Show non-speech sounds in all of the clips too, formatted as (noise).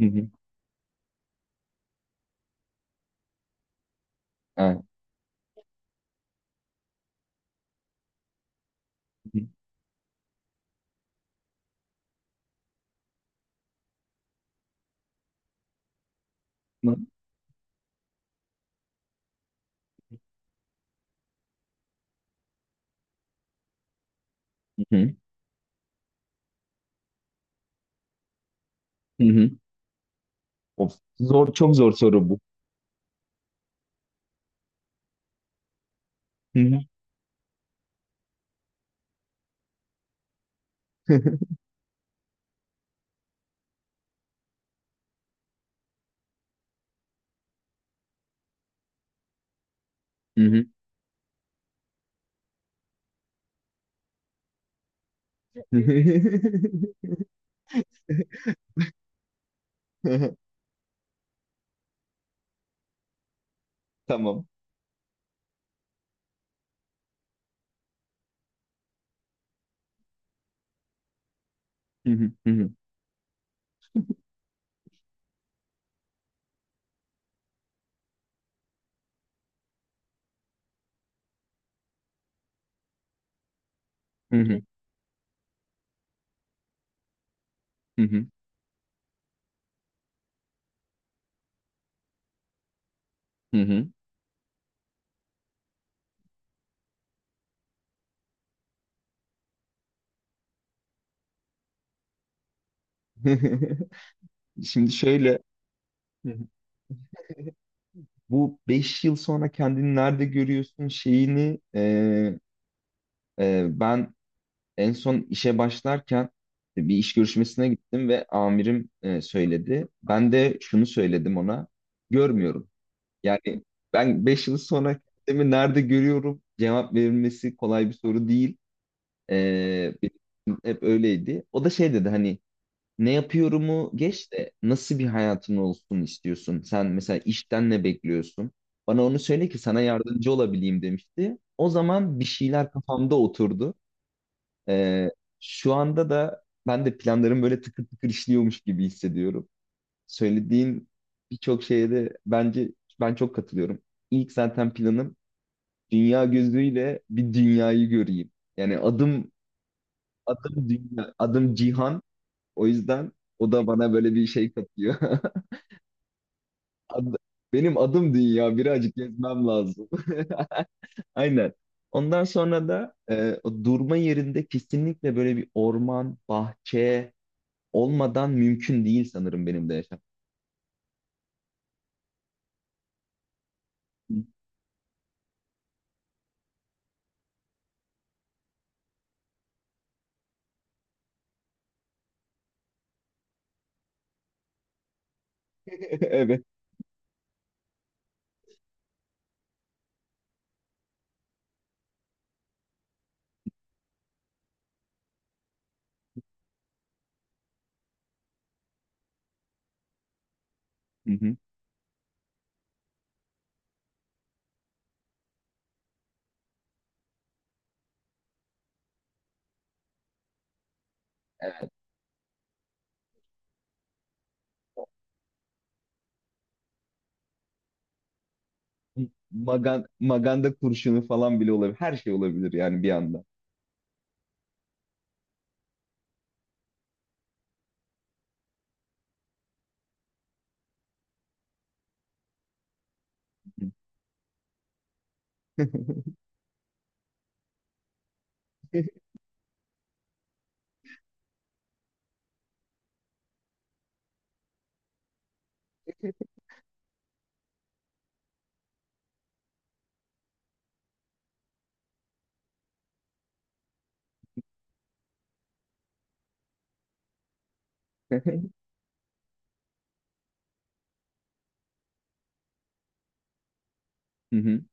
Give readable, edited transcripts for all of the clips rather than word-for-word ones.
Hı hı. Ha. Hı hı. Hı hı. Hı hı. Of, zor, çok zor soru bu. Hı hı. (laughs) Hı hı. (laughs) Tamam. Hı hı. Hı hı. Hı hı. Hı hı. Hı hı. (laughs) Şimdi şöyle. Hı hı. Bu 5 yıl sonra kendini nerede görüyorsun şeyini, ben en son işe başlarken bir iş görüşmesine gittim ve amirim söyledi. Ben de şunu söyledim ona. Görmüyorum. Yani ben 5 yıl sonra kendimi nerede görüyorum cevap verilmesi kolay bir soru değil. Benim için hep öyleydi. O da şey dedi hani ne yapıyorumu geç de nasıl bir hayatın olsun istiyorsun? Sen mesela işten ne bekliyorsun? Bana onu söyle ki sana yardımcı olabileyim demişti. O zaman bir şeyler kafamda oturdu. Ee, şu anda da ben de planlarım böyle tıkır tıkır işliyormuş gibi hissediyorum. Söylediğin birçok şeye de bence ben çok katılıyorum. İlk zaten planım dünya gözüyle bir dünyayı göreyim. Yani adım adım dünya, adım cihan. O yüzden o da bana böyle bir şey katıyor. (laughs) Ad- Benim adım dünya birazcık gezmem lazım. (laughs) Aynen. Ondan sonra da o durma yerinde kesinlikle böyle bir orman, bahçe olmadan mümkün değil sanırım benim de yaşam. (laughs) Evet. Maganda kurşunu falan bile olabilir. Her şey olabilir yani bir anda. (laughs) Hı hı,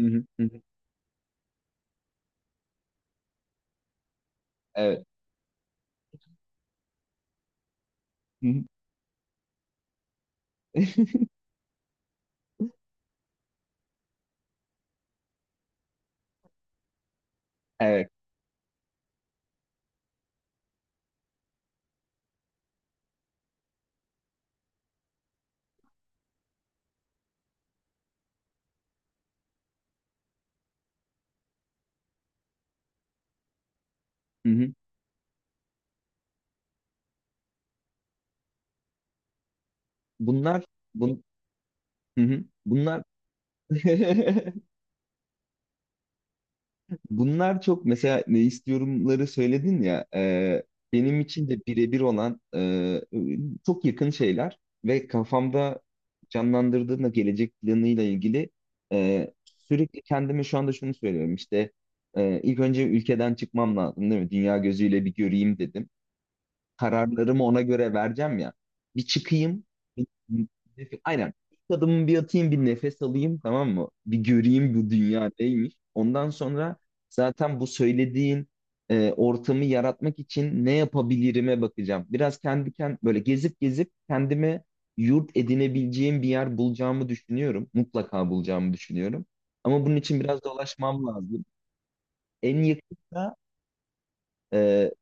hı hı, hı hı. Evet. Hı hı. (laughs) Evet. Hı hı. Bunlar, bun, hı hı. Bunlar. (laughs) Bunlar çok mesela ne istiyorumları söyledin ya, benim için de birebir olan, çok yakın şeyler ve kafamda canlandırdığımda gelecek planıyla ilgili, e, sürekli kendime şu anda şunu söylüyorum işte, ilk önce ülkeden çıkmam lazım değil mi? Dünya gözüyle bir göreyim dedim, kararlarımı ona göre vereceğim ya. Bir çıkayım. bir- bir- aynen. İlk adımımı bir atayım, bir nefes alayım tamam mı? Bir göreyim bu dünya neymiş. Ondan sonra zaten bu söylediğin ortamı yaratmak için ne yapabilirime bakacağım. Biraz kendi böyle gezip gezip kendime yurt edinebileceğim bir yer bulacağımı düşünüyorum. Mutlaka bulacağımı düşünüyorum. Ama bunun için biraz dolaşmam lazım. En yakında e,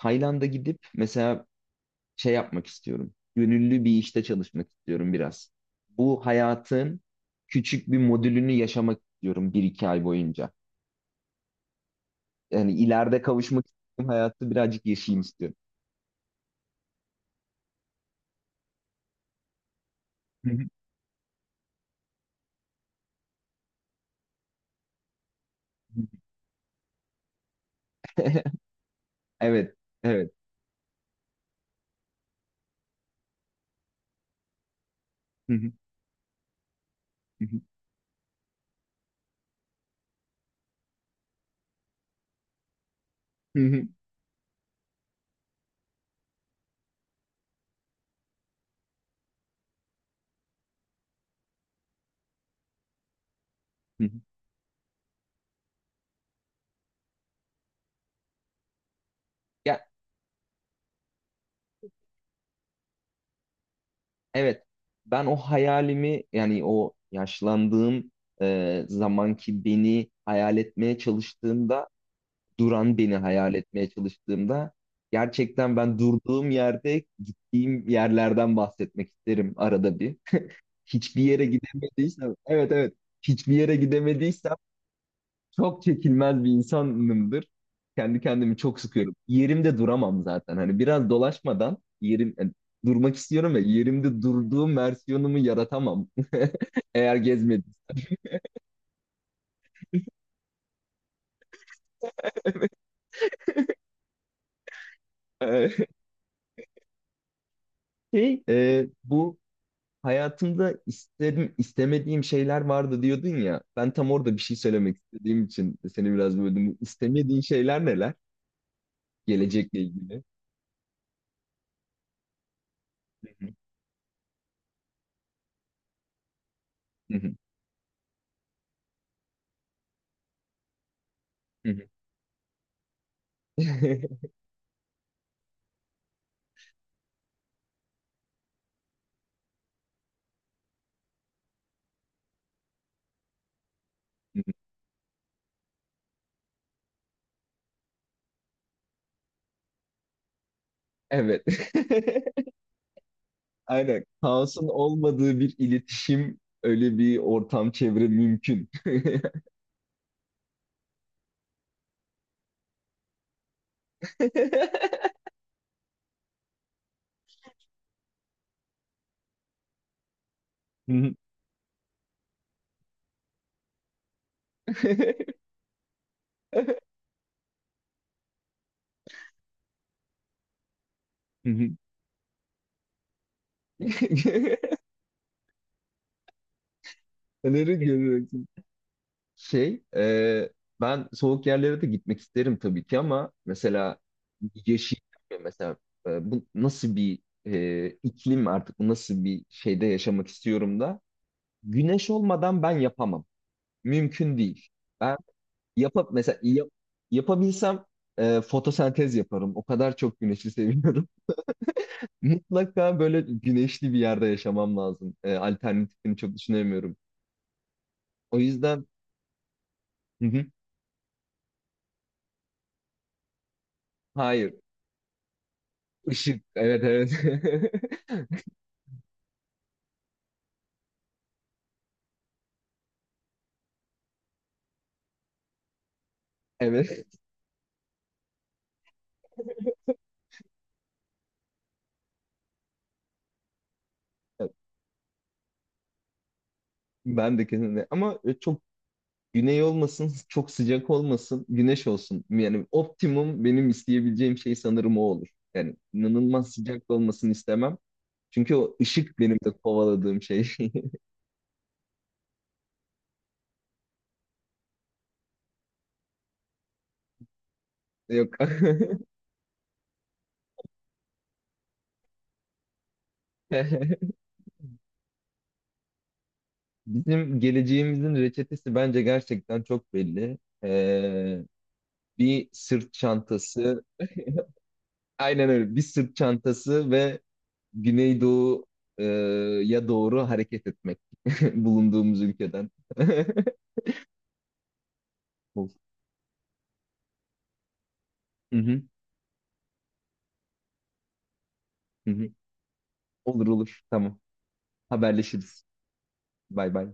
Tayland'a gidip mesela şey yapmak istiyorum. Gönüllü bir işte çalışmak istiyorum biraz. Bu hayatın küçük bir modülünü yaşamak istiyorum bir iki ay boyunca. Yani ileride kavuşmak istediğim hayatı birazcık yaşayayım istiyorum. (laughs) Evet, evet. (laughs) Ya evet. Ben o hayalimi yani o yaşlandığım zamanki beni hayal etmeye çalıştığımda, duran beni hayal etmeye çalıştığımda gerçekten ben durduğum yerde gittiğim yerlerden bahsetmek isterim arada bir. Hiçbir yere gidemediysem, evet evet, hiçbir yere gidemediysem çok çekilmez bir insanımdır. Kendi kendimi çok sıkıyorum. Yerimde duramam zaten. Hani biraz dolaşmadan yerim yani, durmak istiyorum ve yerimde durduğum versiyonumu yaratamam. (laughs) Eğer gezmediysem. (laughs) Bu hayatımda isterim, istemediğim şeyler vardı diyordun ya. Ben tam orada bir şey söylemek istediğim için seni biraz böldüm. Bu İstemediğin şeyler neler? Gelecekle ilgili. Hı hı, hı hı, hı hı. (laughs) Evet. (laughs) Aynen. Kaosun olmadığı bir iletişim, öyle bir ortam, çevre mümkün. (laughs) Hı hı. (laughs) Hı hı. (laughs) Neleri görüyoruz? Şey, e, ben soğuk yerlere de gitmek isterim tabii ki ama mesela yeşil, mesela bu nasıl bir iklim artık, bu nasıl bir şeyde yaşamak istiyorum da güneş olmadan ben yapamam. Mümkün değil. Ben yapıp mesela yapabilsem fotosentez yaparım. O kadar çok güneşi seviyorum. (laughs) Mutlaka böyle güneşli bir yerde yaşamam lazım. Alternatifini çok düşünemiyorum. O yüzden hı hı, hayır. Işık, evet evet. (laughs) Evet. Ben de kesinlikle. Ama çok güney olmasın, (laughs) çok sıcak olmasın, güneş olsun. Yani optimum benim isteyebileceğim şey sanırım o olur. Yani inanılmaz sıcak da olmasını istemem. Çünkü o ışık benim de kovaladığım şey. (laughs) Yok. (laughs) Bizim geleceğimizin reçetesi bence gerçekten çok belli. Ee, bir sırt çantası, aynen öyle. Bir sırt çantası ve güneydoğuya doğru hareket etmek (laughs) bulunduğumuz ülkeden. (laughs) Ol- Hı hı, hı hı. Olur olur. Tamam. Haberleşiriz. Bay bay.